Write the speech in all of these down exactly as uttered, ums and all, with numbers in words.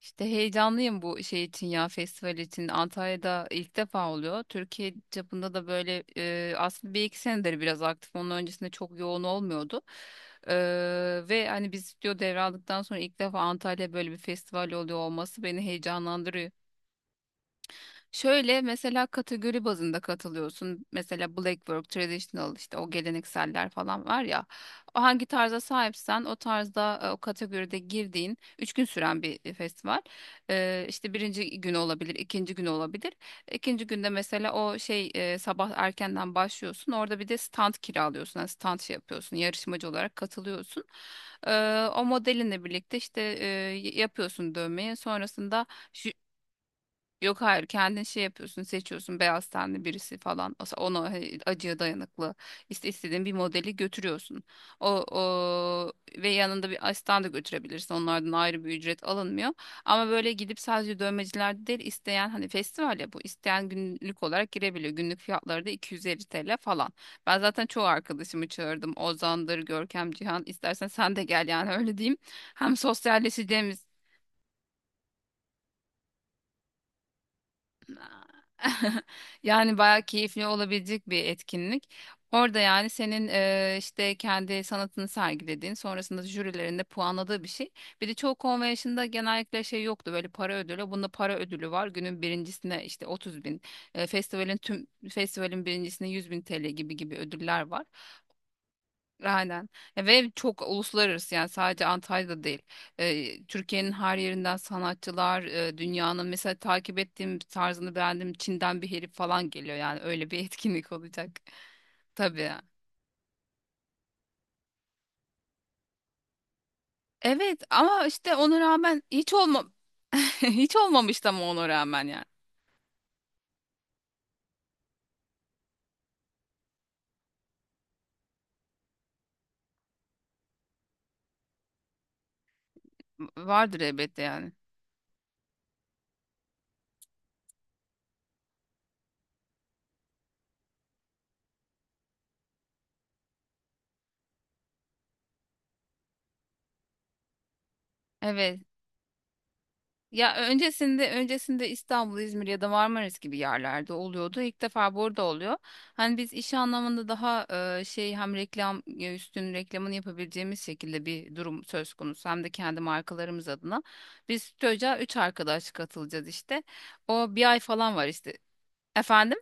İşte heyecanlıyım bu şey için ya festival için. Antalya'da ilk defa oluyor. Türkiye çapında da böyle e, aslında bir iki senedir biraz aktif. Onun öncesinde çok yoğun olmuyordu. E, ve hani biz stüdyo devraldıktan sonra ilk defa Antalya böyle bir festival oluyor olması beni heyecanlandırıyor. Şöyle mesela kategori bazında katılıyorsun. Mesela black work, traditional işte o gelenekseller falan var ya. O hangi tarza sahipsen o tarzda e, o kategoride girdiğin üç gün süren bir e, festival. Ee, işte birinci günü olabilir, ikinci günü olabilir. İkinci günde mesela o şey e, sabah erkenden başlıyorsun. Orada bir de stand kiralıyorsun. Yani stand şey yapıyorsun. Yarışmacı olarak katılıyorsun. Ee, o modelinle birlikte işte e, yapıyorsun dövmeyi. Sonrasında yok hayır kendin şey yapıyorsun seçiyorsun beyaz tenli birisi falan As- ona he- acıya dayanıklı işte istediğin bir modeli götürüyorsun. O, o ve yanında bir asistan da götürebilirsin, onlardan ayrı bir ücret alınmıyor. Ama böyle gidip sadece dövmecilerde değil, isteyen hani festival ya bu, isteyen günlük olarak girebiliyor. Günlük fiyatları da iki yüz elli T L falan. Ben zaten çoğu arkadaşımı çağırdım, Ozan'dır Görkem Cihan, istersen sen de gel yani, öyle diyeyim. Hem sosyalleşeceğimiz yani bayağı keyifli olabilecek bir etkinlik. Orada yani senin eee, işte kendi sanatını sergilediğin, sonrasında jürilerinde puanladığı bir şey. Bir de çoğu konvensiyonda genellikle şey yoktu, böyle para ödülü. Bunda para ödülü var. Günün birincisine işte 30 bin, eee, festivalin, tüm festivalin birincisine 100 bin T L gibi gibi ödüller var. Aynen. Ya ve çok uluslararası, yani sadece Antalya'da değil. Ee, Türkiye'nin her yerinden sanatçılar, e, dünyanın, mesela takip ettiğim tarzını beğendiğim Çin'den bir herif falan geliyor yani, öyle bir etkinlik olacak. Tabii. Evet ama işte ona rağmen hiç olma hiç olmamıştı ama ona rağmen yani. Vardır elbette yani. Evet. Ya öncesinde öncesinde İstanbul, İzmir ya da Marmaris gibi yerlerde oluyordu. İlk defa burada oluyor. Hani biz iş anlamında daha e, şey, hem reklam, e, üstün reklamını yapabileceğimiz şekilde bir durum söz konusu, hem de kendi markalarımız adına. Biz TÜC'a üç arkadaş katılacağız işte. O bir ay falan var işte. Efendim?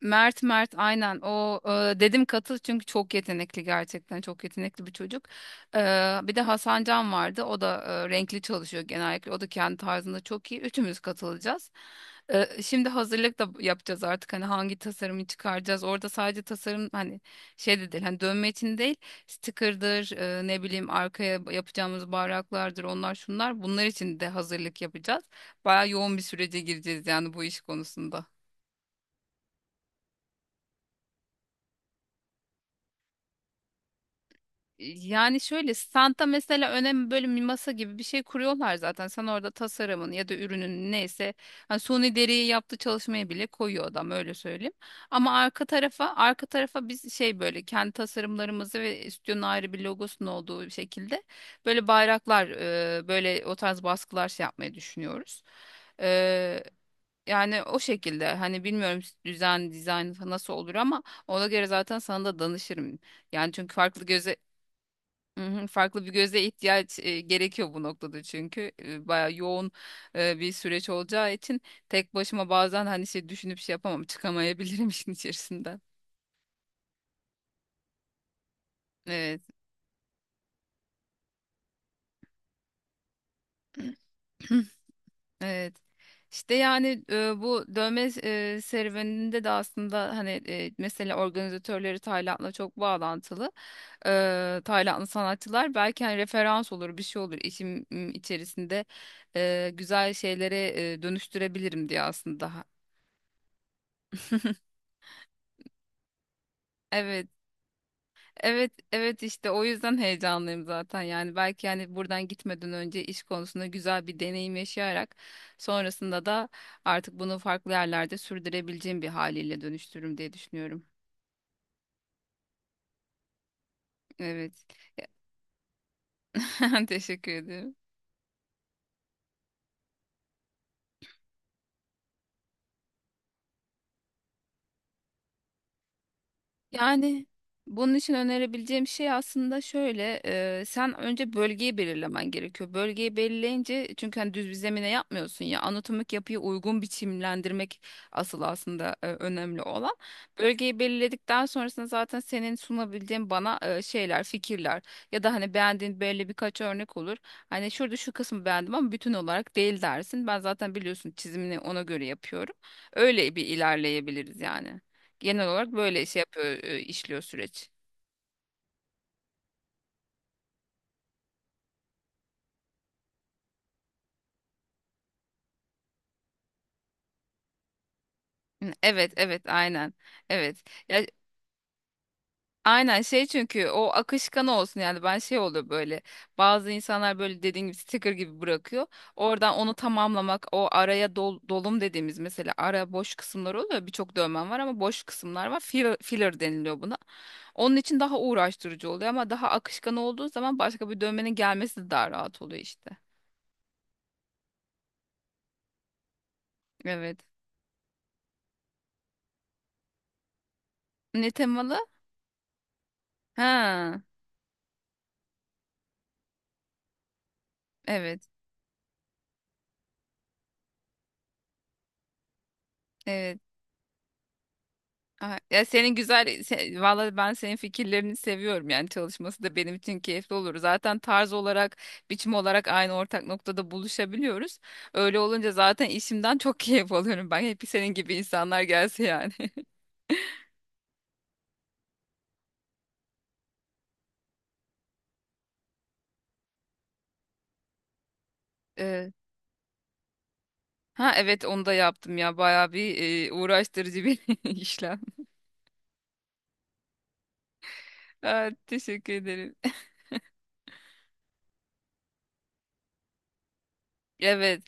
Mert Mert aynen o, e, dedim katıl çünkü çok yetenekli, gerçekten çok yetenekli bir çocuk. E, bir de Hasan Can vardı, o da e, renkli çalışıyor genellikle, o da kendi tarzında çok iyi, üçümüz katılacağız. E, şimdi hazırlık da yapacağız artık, hani hangi tasarımı çıkaracağız orada, sadece tasarım hani şey de değil, hani dönme için değil, sticker'dır, e, ne bileyim arkaya yapacağımız bayraklardır, onlar şunlar bunlar için de hazırlık yapacağız. Baya yoğun bir sürece gireceğiz yani bu iş konusunda. Yani şöyle, standa mesela önemli, böyle bir masa gibi bir şey kuruyorlar zaten. Sen orada tasarımın ya da ürünün neyse, hani suni deriyi yaptığı çalışmaya bile koyuyor adam, öyle söyleyeyim. Ama arka tarafa arka tarafa biz şey, böyle kendi tasarımlarımızı ve stüdyonun ayrı bir logosunun olduğu bir şekilde böyle bayraklar, e, böyle o tarz baskılar şey yapmayı düşünüyoruz. E, yani o şekilde, hani bilmiyorum düzen dizayn nasıl olur ama ona göre zaten sana da danışırım. Yani çünkü farklı göze, hı hı, farklı bir göze ihtiyaç, e, gerekiyor bu noktada, çünkü e, bayağı yoğun e, bir süreç olacağı için tek başıma bazen hani şey düşünüp şey yapamam, çıkamayabilirim işin içerisinden. Evet. Evet. İşte yani e, bu dövme e, serüveninde de aslında hani e, mesela organizatörleri Tayland'la çok bağlantılı. E, Taylandlı sanatçılar belki hani referans olur, bir şey olur, işim m, içerisinde e, güzel şeylere e, dönüştürebilirim diye aslında. Evet, evet, evet işte o yüzden heyecanlıyım zaten. Yani belki yani buradan gitmeden önce iş konusunda güzel bir deneyim yaşayarak, sonrasında da artık bunu farklı yerlerde sürdürebileceğim bir haliyle dönüştürürüm diye düşünüyorum. Evet. Teşekkür ederim. Yani bunun için önerebileceğim şey aslında şöyle, e, sen önce bölgeyi belirlemen gerekiyor. Bölgeyi belirleyince, çünkü hani düz bir zemine yapmıyorsun ya, anatomik yapıyı uygun biçimlendirmek asıl aslında e, önemli olan. Bölgeyi belirledikten sonrasında zaten senin sunabileceğin bana e, şeyler, fikirler ya da hani beğendiğin böyle birkaç örnek olur. Hani şurada şu kısmı beğendim ama bütün olarak değil dersin. Ben zaten biliyorsun çizimini ona göre yapıyorum. Öyle bir ilerleyebiliriz yani. Genel olarak böyle şey yapıyor, e, işliyor süreç. Hı, evet, evet, aynen. Evet. Ya, aynen şey, çünkü o akışkan olsun yani, ben şey oluyor böyle. Bazı insanlar böyle dediğin gibi sticker gibi bırakıyor. Oradan onu tamamlamak, o araya dol- dolum dediğimiz, mesela ara boş kısımlar oluyor. Birçok dövmem var ama boş kısımlar var. Filler, filler deniliyor buna. Onun için daha uğraştırıcı oluyor ama daha akışkan olduğu zaman başka bir dövmenin gelmesi de daha rahat oluyor işte. Evet. Ne temalı? Ha, evet. Evet. Aha, ya senin güzel, se, valla ben senin fikirlerini seviyorum yani, çalışması da benim için keyifli olur. Zaten tarz olarak, biçim olarak aynı ortak noktada buluşabiliyoruz. Öyle olunca zaten işimden çok keyif alıyorum ben. Hep senin gibi insanlar gelse yani. Ee, ha evet onu da yaptım ya. Bayağı bir, e, uğraştırıcı bir işlem. Aa, teşekkür ederim. Evet.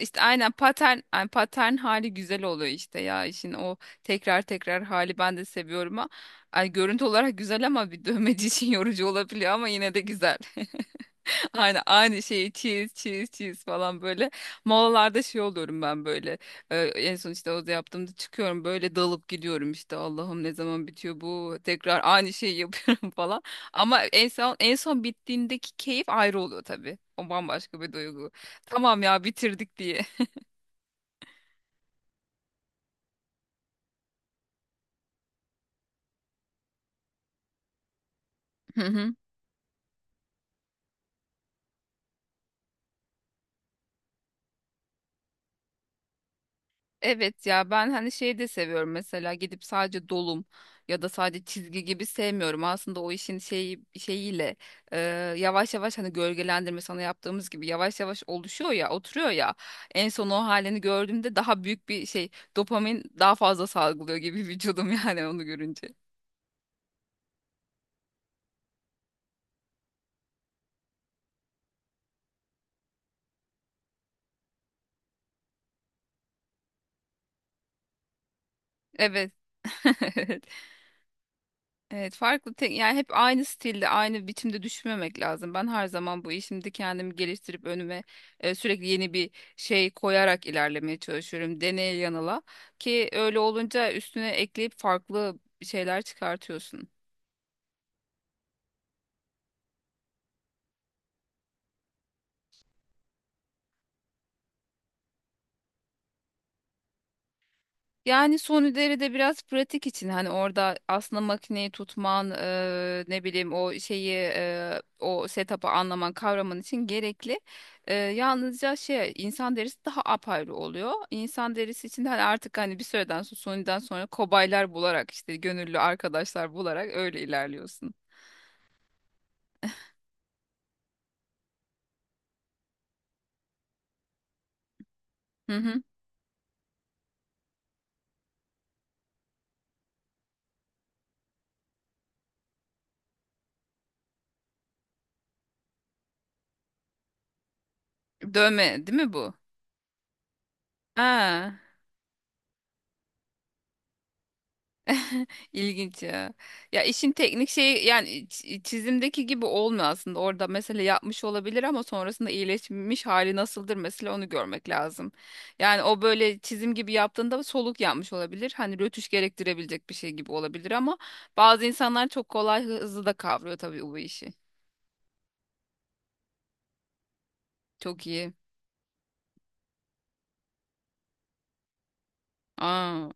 İşte aynen patern, yani patern hali güzel oluyor işte ya, işin o tekrar tekrar hali ben de seviyorum ha. Ay görüntü olarak güzel ama bir dövmeci için yorucu olabiliyor ama yine de güzel. Aynı aynı şeyi çiz çiz çiz falan böyle. Molalarda şey oluyorum ben böyle. Ee, en son işte o da yaptığımda çıkıyorum böyle dalıp gidiyorum işte, Allah'ım ne zaman bitiyor bu, tekrar aynı şeyi yapıyorum falan. Ama en son en son bittiğindeki keyif ayrı oluyor tabii. O bambaşka bir duygu. Tamam ya, bitirdik diye. Hı hı. Evet ya, ben hani şeyi de seviyorum mesela, gidip sadece dolum ya da sadece çizgi gibi sevmiyorum. Aslında o işin şeyi şeyiyle e, yavaş yavaş hani gölgelendirme sana yaptığımız gibi yavaş yavaş oluşuyor ya, oturuyor ya, en son o halini gördüğümde daha büyük bir şey, dopamin daha fazla salgılıyor gibi vücudum yani onu görünce. Evet. Evet farklı, tek yani hep aynı stilde aynı biçimde düşünmemek lazım. Ben her zaman bu işimde kendimi geliştirip önüme e, sürekli yeni bir şey koyarak ilerlemeye çalışıyorum. Deneye yanıla, ki öyle olunca üstüne ekleyip farklı şeyler çıkartıyorsun. Yani son de biraz pratik için, hani orada aslında makineyi tutman, eee, ne bileyim o şeyi, eee, o setup'ı anlaman kavraman için gerekli. Eee, yalnızca şey, insan derisi daha apayrı oluyor. İnsan derisi için hani artık, hani bir süreden sonra Sony'den sonra kobaylar bularak, işte gönüllü arkadaşlar bularak öyle ilerliyorsun. Hı hı. Dövme değil mi bu? Ha. İlginç ya. Ya işin teknik şeyi yani, ç- çizimdeki gibi olmuyor aslında. Orada mesela yapmış olabilir ama sonrasında iyileşmiş hali nasıldır mesela, onu görmek lazım. Yani o böyle çizim gibi yaptığında soluk yapmış olabilir. Hani rötuş gerektirebilecek bir şey gibi olabilir ama bazı insanlar çok kolay, hızlı da kavruyor tabii bu işi. Çok iyi. Aa,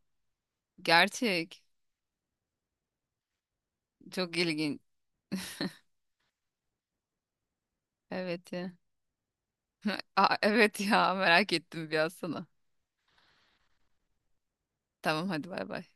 gerçek. Çok ilginç. Evet ya. Aa, evet ya, merak ettim biraz sana. Tamam hadi bay bay.